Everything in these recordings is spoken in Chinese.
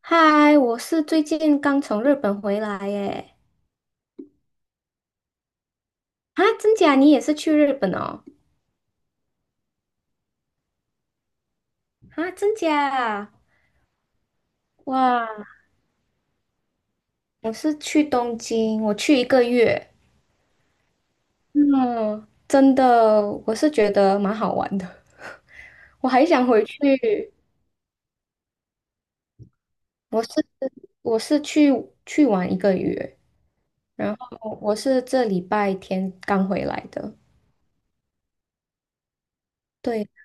嗨，我是最近刚从日本回来耶。啊，真假？你也是去日本哦？啊，真假？哇，我是去东京，我去一个月。嗯，真的，我是觉得蛮好玩的。我还想回去。我是我是去玩一个月，然后我是这礼拜天刚回来的。对，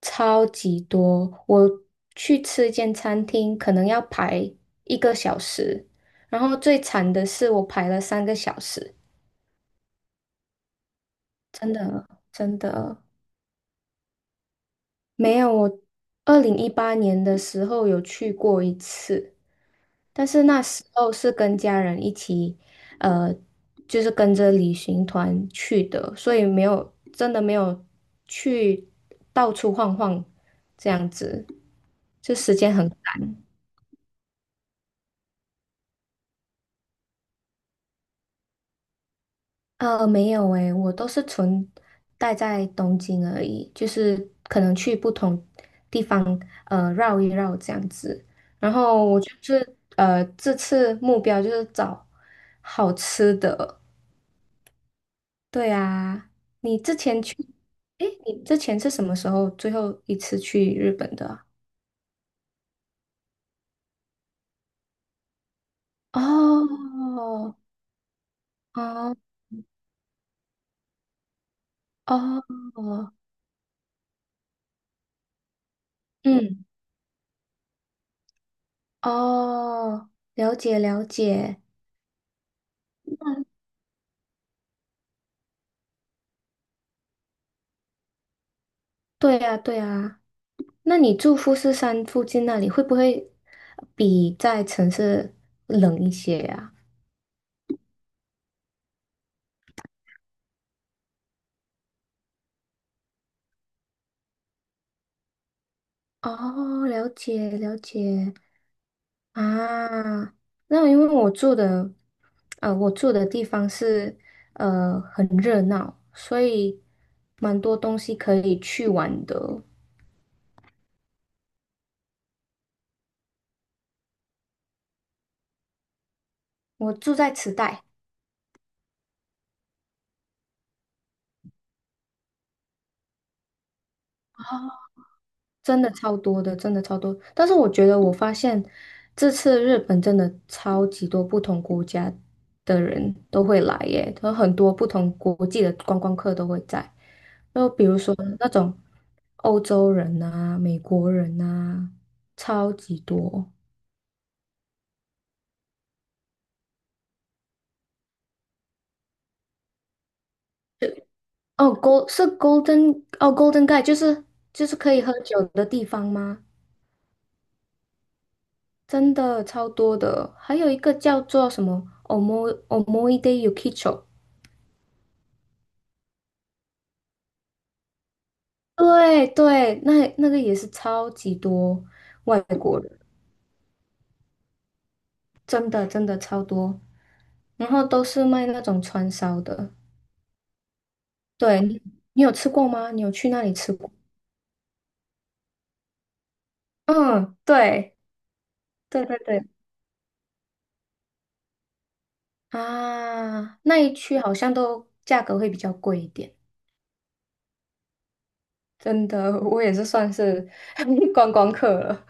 超级多。我去吃一间餐厅，可能要排1个小时，然后最惨的是我排了3个小时。真的，真的，没有。我2018年的时候有去过一次，但是那时候是跟家人一起。呃，就是跟着旅行团去的，所以没有真的没有去到处晃晃这样子，就时间很赶。没有诶，我都是纯待在东京而已，就是可能去不同地方绕一绕这样子。然后我就是这次目标就是找好吃的。对啊，你之前去，诶，你之前是什么时候最后一次去日本的啊？哦哦哦。嗯。哦，了解了解。对呀，对呀。那你住富士山附近那里，会不会比在城市冷一些呀、哦，了解了解啊。那因为我住的，我住的地方是很热闹，所以蛮多东西可以去玩的。我住在池袋。哦，真的超多的，真的超多。但是我觉得，我发现这次日本真的超级多不同国家的人都会来耶，有很多不同国际的观光客都会在。就比如说那种欧洲人啊、美国人啊，超级多。哦，Gold 是 Golden 哦，Golden g a t e 就是可以喝酒的地方吗？真的超多的。还有一个叫做什么 Omo Omoide Yukicho。对对，那个也是超级多外国人，真的真的超多，然后都是卖那种串烧的。对，你有吃过吗？你有去那里吃过？嗯，对对对，对啊，那一区好像都价格会比较贵一点。真的，我也是算是 观光客了。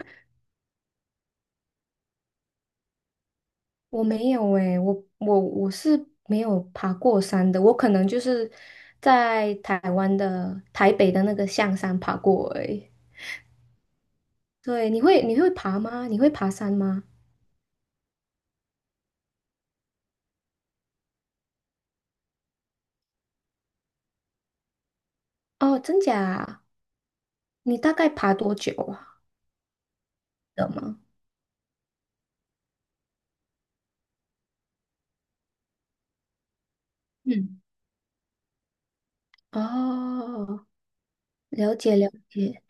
我没有诶、我是没有爬过山的，我可能就是在台湾的台北的那个象山爬过而已。对，你会爬吗？你会爬山吗？哦，真假啊。你大概爬多久啊？的吗？嗯。哦，了解了解。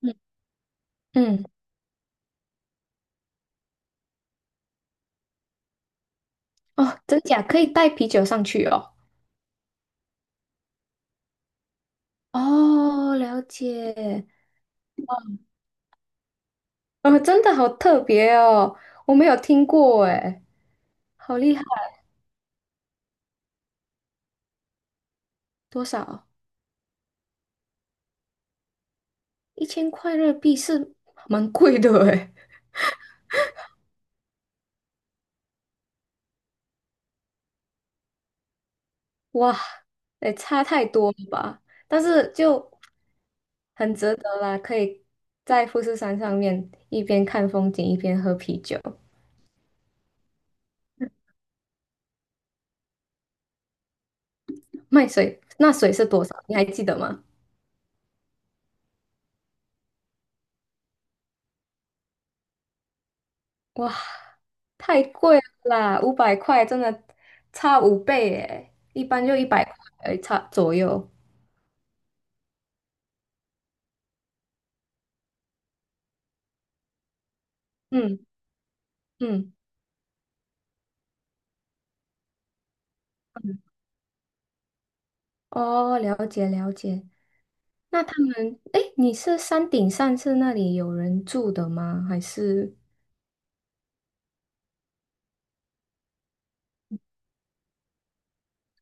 嗯嗯。哦，真假可以带啤酒上去哦。哦，了解。哦，真的好特别哦，我没有听过诶，好厉害。多少？1000块日币是蛮贵的诶。哇，也差太多了吧？但是就很值得啦，可以在富士山上面一边看风景一边喝啤酒。卖水，那水是多少？你还记得吗？哇，太贵了啦，500块真的差5倍耶，一般就100块而已差左右。嗯嗯嗯。哦，了解了解。那他们，诶，你是山顶上是那里有人住的吗？还是？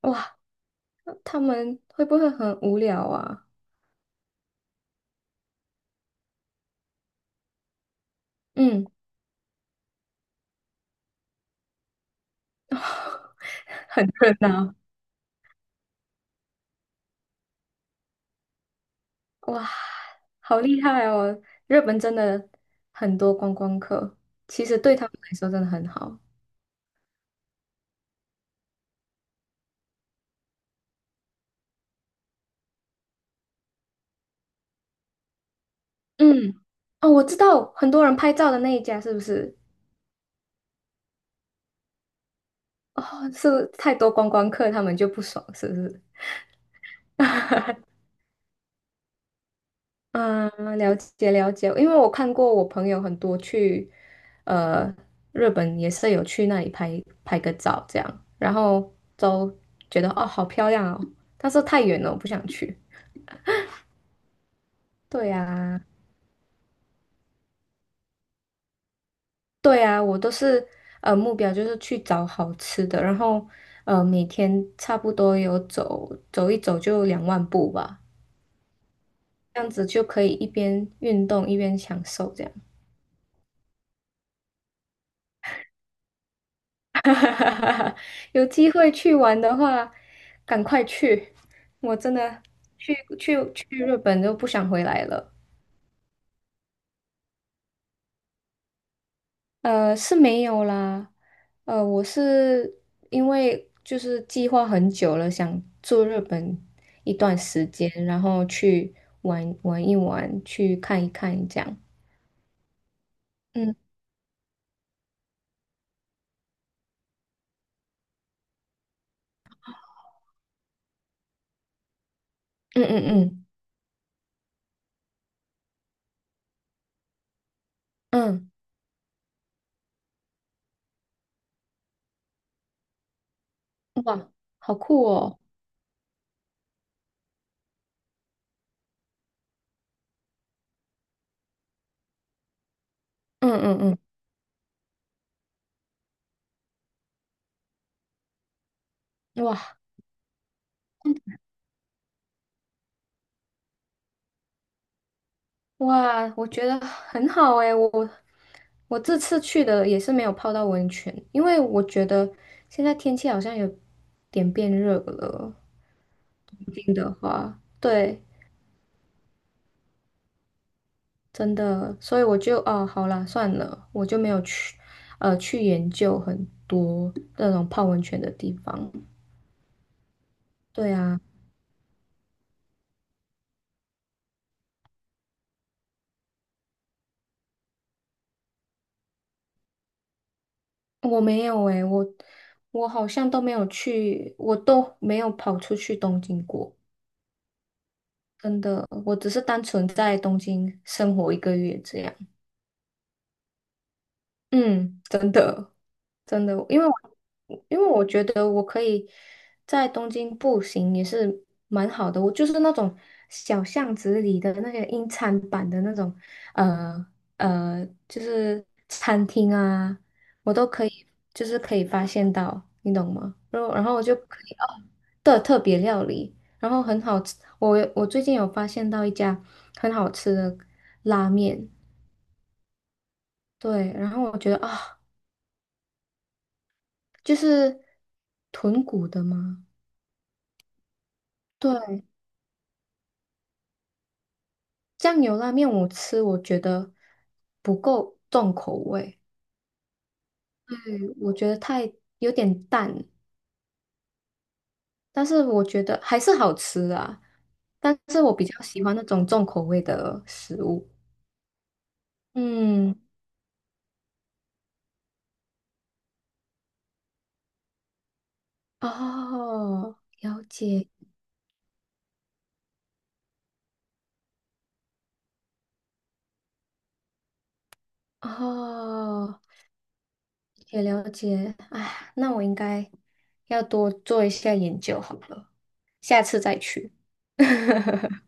哇？他们会不会很无聊啊？嗯。很热闹，哇，好厉害哦！日本真的很多观光客，其实对他们来说真的很好。嗯。哦，我知道很多人拍照的那一家是不是？哦，是太多观光客，他们就不爽，是不是？嗯，了解了解，因为我看过我朋友很多去，呃，日本也是有去那里拍拍个照这样，然后都觉得哦好漂亮哦，但是太远了，我不想去。对呀，对呀，我都是目标就是去找好吃的，然后每天差不多有走走一走就2万步吧，这样子就可以一边运动一边享受这样。哈哈哈哈哈！有机会去玩的话，赶快去！我真的去去日本就不想回来了。是没有啦。我是因为就是计划很久了，想住日本一段时间，然后去玩玩一玩，去看一看这样。嗯嗯嗯嗯嗯。哇，好酷哦！嗯嗯嗯。哇。哇，我觉得很好诶，我这次去的也是没有泡到温泉，因为我觉得现在天气好像有点变热了啊。对，真的，所以我就哦，好啦，算了，我就没有去去研究很多那种泡温泉的地方。对啊，我没有诶，我好像都没有去，我都没有跑出去东京过，真的，我只是单纯在东京生活一个月这样。嗯，真的，真的，因为我觉得我可以在东京步行也是蛮好的，我就是那种小巷子里的那些英餐版的那种，呃就是餐厅啊，我都可以，就是可以发现到，你懂吗？然后我就可以哦的特别料理，然后很好吃，我最近有发现到一家很好吃的拉面，对，然后我觉得啊。就是豚骨的吗？对，酱油拉面我吃，我觉得不够重口味，我觉得太有点淡，但是我觉得还是好吃啊。但是我比较喜欢那种重口味的食物。嗯。哦，了解。哦，也了解。哎，那我应该要多做一下研究好了，下次再去。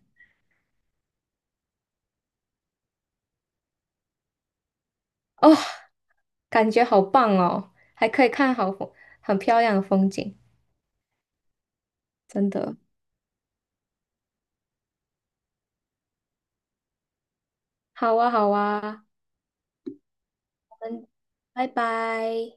哦。感觉好棒哦，还可以看好风，很漂亮的风景，真的。好啊，好啊，嗯，拜拜。